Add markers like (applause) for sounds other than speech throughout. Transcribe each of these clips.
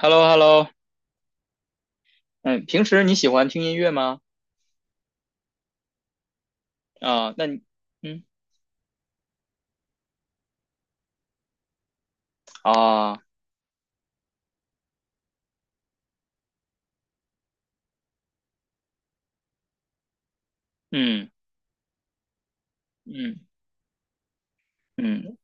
h e l l o h e l l o. 嗯，平时你喜欢听音乐吗？啊，那你，嗯，啊，嗯嗯嗯，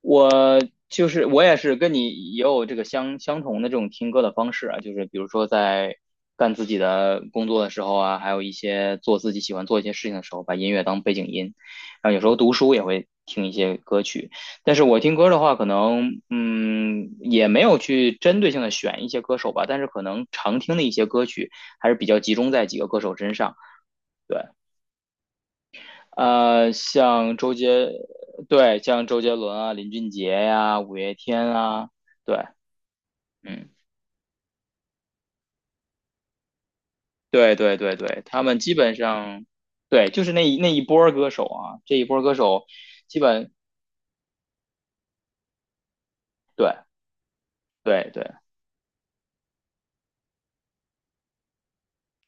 我就是我也是跟你也有这个相同的这种听歌的方式啊，就是比如说在干自己的工作的时候啊，还有一些做自己喜欢做一些事情的时候，把音乐当背景音，然后有时候读书也会听一些歌曲。但是我听歌的话，可能嗯也没有去针对性的选一些歌手吧，但是可能常听的一些歌曲还是比较集中在几个歌手身上，对。像周杰，对，像周杰伦啊、林俊杰呀、五月天啊，对，嗯，对对对对，他们基本上，对，就是那一波儿歌手啊，这一波儿歌手基本，对对对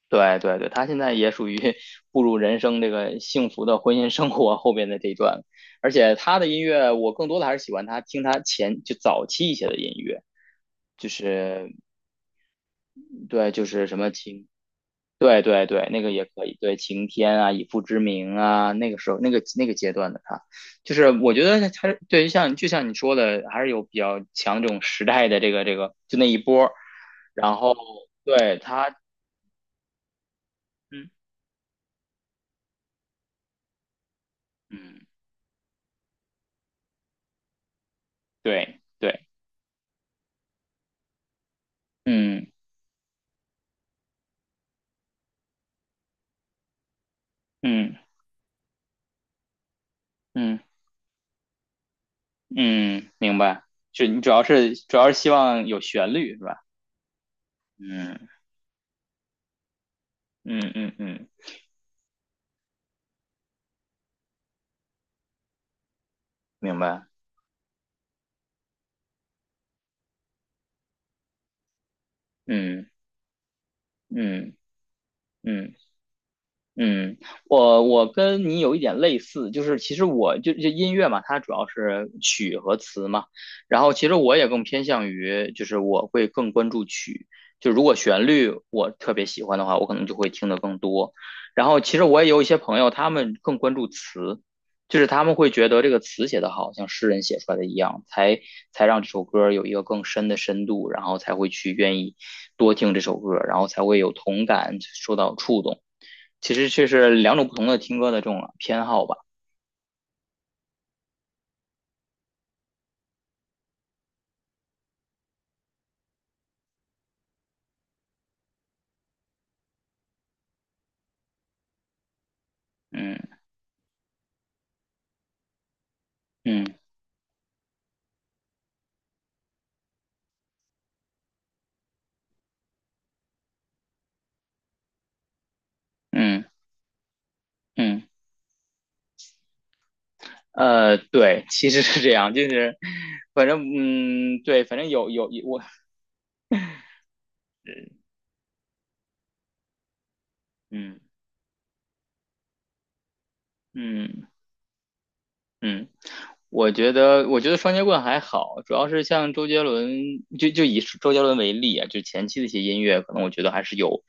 对对对，他现在也属于 (laughs) 步入人生这个幸福的婚姻生活后边的这一段，而且他的音乐，我更多的还是喜欢他听他前就早期一些的音乐，就是对，就是什么听。对对对，那个也可以，对《晴天》啊，《以父之名》啊，那个时候那个那个阶段的他，就是我觉得他对，就像就像你说的，还是有比较强这种时代的这个，就那一波儿。然后对他，嗯嗯，对对，嗯嗯嗯嗯，明白。就你主要是主要是希望有旋律是吧？嗯嗯嗯嗯，明白。嗯嗯嗯。嗯，我跟你有一点类似，就是其实我就音乐嘛，它主要是曲和词嘛，然后其实我也更偏向于，就是我会更关注曲，就如果旋律我特别喜欢的话，我可能就会听得更多。然后其实我也有一些朋友，他们更关注词，就是他们会觉得这个词写得好，像诗人写出来的一样，才才让这首歌有一个更深的深度，然后才会去愿意多听这首歌，然后才会有同感，受到触动。其实却是两种不同的听歌的这种偏好吧。嗯嗯嗯嗯，对，其实是这样，就是反正嗯，对，反正有我，嗯嗯嗯，我觉得，我觉得双截棍还好，主要是像周杰伦，就以周杰伦为例啊，就前期的一些音乐，可能我觉得还是有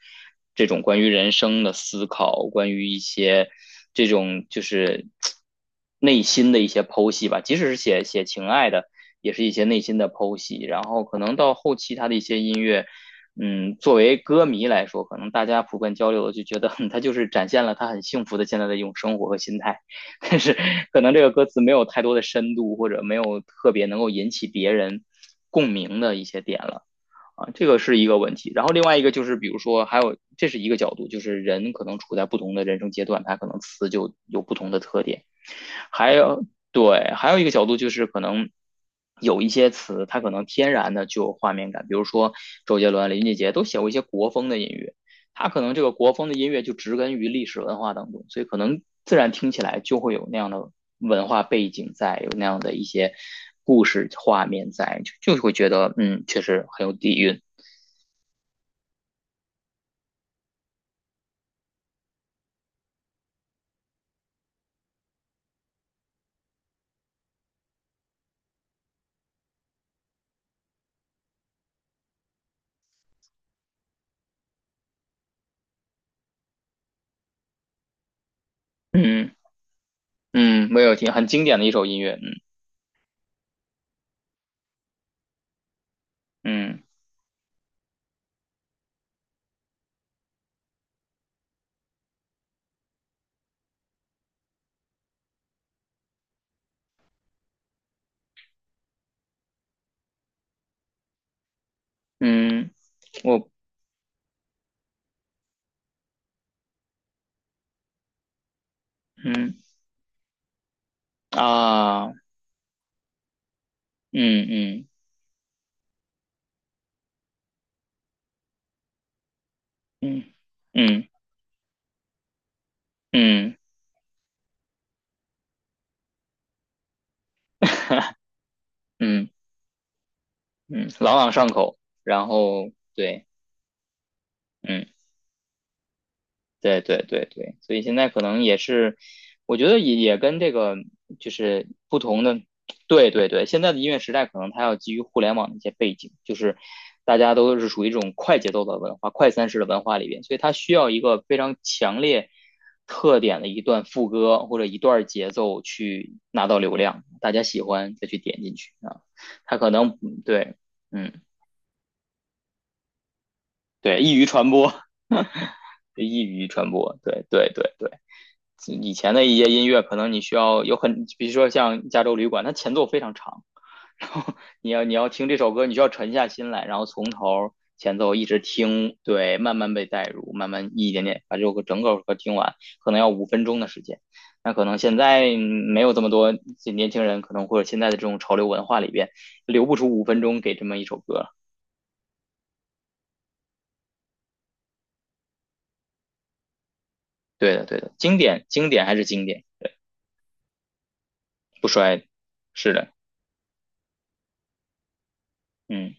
这种关于人生的思考，关于一些这种就是内心的一些剖析吧。即使是写写情爱的，也是一些内心的剖析。然后可能到后期他的一些音乐，嗯，作为歌迷来说，可能大家普遍交流的就觉得 (laughs)，哼他就是展现了他很幸福的现在的一种生活和心态。但是可能这个歌词没有太多的深度，或者没有特别能够引起别人共鸣的一些点了啊，这个是一个问题。然后另外一个就是，比如说还有这是一个角度，就是人可能处在不同的人生阶段，他可能词就有不同的特点。还有，对，还有一个角度就是可能有一些词，它可能天然的就有画面感，比如说周杰伦、林俊杰都写过一些国风的音乐，他可能这个国风的音乐就植根于历史文化当中，所以可能自然听起来就会有那样的文化背景在，有那样的一些故事画面在，就会觉得嗯，确实很有底蕴。嗯嗯，没有听，很经典的一首音乐。嗯嗯嗯，我嗯啊嗯嗯。嗯嗯嗯 (laughs) 嗯嗯，朗朗上口，然后对，嗯。对对对对，所以现在可能也是，我觉得也跟这个就是不同的，对对对，现在的音乐时代可能它要基于互联网的一些背景，就是大家都是属于这种快节奏的文化、快餐式的文化里边，所以它需要一个非常强烈特点的一段副歌或者一段节奏去拿到流量，大家喜欢再去点进去啊，它可能嗯对，嗯，对，易于传播，易于传播，对对对对。以前的一些音乐，可能你需要有很，比如说像《加州旅馆》，它前奏非常长，然后你要听这首歌，你需要沉下心来，然后从头前奏一直听，对，慢慢被带入，慢慢一点点把这首歌整个歌听完，可能要5分钟的时间。那可能现在没有这么多年轻人，可能或者现在的这种潮流文化里边，留不出五分钟给这么一首歌。对的，对的，经典，经典还是经典，不衰的是的，嗯，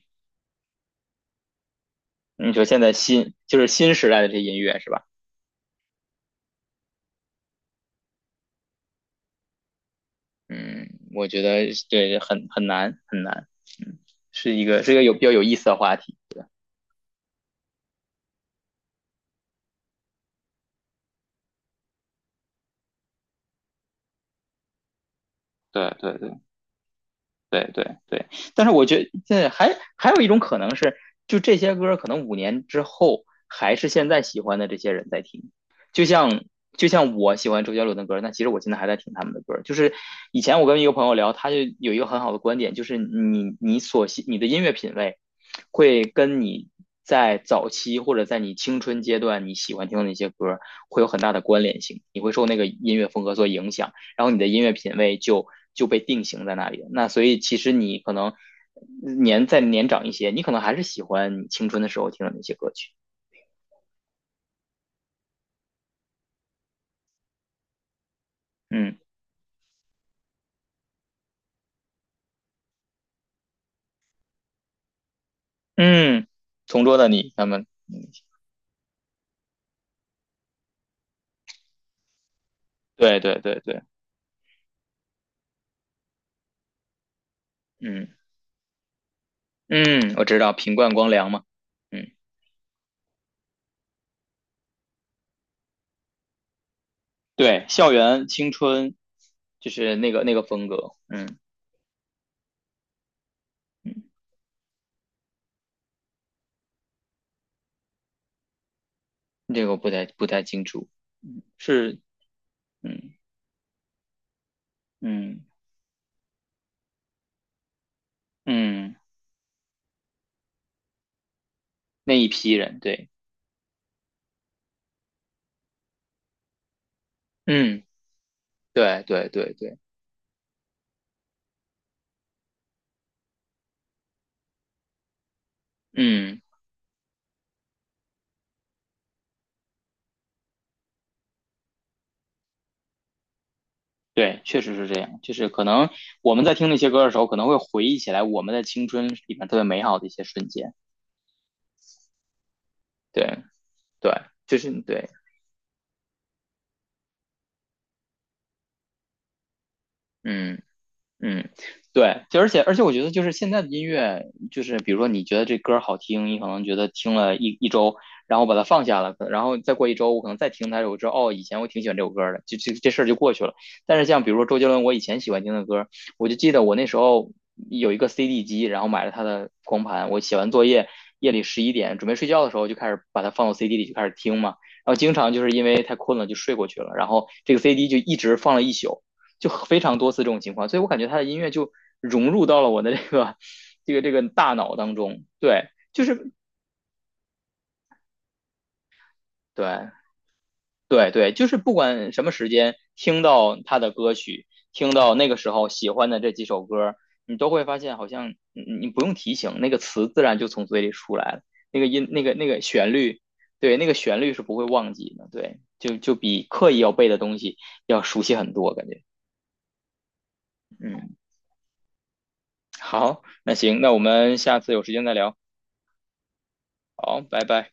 你说现在新就是新时代的这音乐是吧？嗯，我觉得对，很难很难，嗯，是一个是一个有比较有意思的话题。对对对。对对对，但是我觉得现在还有一种可能是，就这些歌可能5年之后还是现在喜欢的这些人在听，就像就像我喜欢周杰伦的歌，那其实我现在还在听他们的歌。就是以前我跟一个朋友聊，他就有一个很好的观点，就是你你所喜你的音乐品味会跟你在早期或者在你青春阶段你喜欢听的那些歌会有很大的关联性，你会受那个音乐风格所影响。然后你的音乐品味就被定型在那里。那所以其实你可能年再年长一些，你可能还是喜欢你青春的时候听的那些歌曲。嗯嗯，同桌的你，他们，嗯，对对对对，嗯嗯，我知道品冠光良嘛，嗯，对，校园青春就是那个那个风格，嗯嗯，这个我不太清楚，是，嗯嗯嗯，那一批人，对，嗯对对对对，嗯。对，确实是这样。就是可能我们在听那些歌的时候，可能会回忆起来我们的青春里面特别美好的一些瞬间。对，对，就是对，嗯。嗯，对，就而且我觉得就是现在的音乐，就是比如说你觉得这歌儿好听，你可能觉得听了一周，然后把它放下了，然后再过一周，我可能再听它，我知道哦，以前我挺喜欢这首歌儿的，就这事儿就过去了。但是像比如说周杰伦，我以前喜欢听的歌儿，我就记得我那时候有一个 CD 机，然后买了他的光盘，我写完作业，夜里11点准备睡觉的时候，就开始把它放到 CD 里就开始听嘛，然后经常就是因为太困了就睡过去了，然后这个 CD 就一直放了一宿。就非常多次这种情况，所以我感觉他的音乐就融入到了我的这个这个大脑当中。对，就是对对对，就是不管什么时间听到他的歌曲，听到那个时候喜欢的这几首歌，你都会发现好像你不用提醒，那个词自然就从嘴里出来了，那个音那个旋律，对，那个旋律是不会忘记的。对，就就比刻意要背的东西要熟悉很多，感觉。嗯，好，那行，那我们下次有时间再聊。好，拜拜。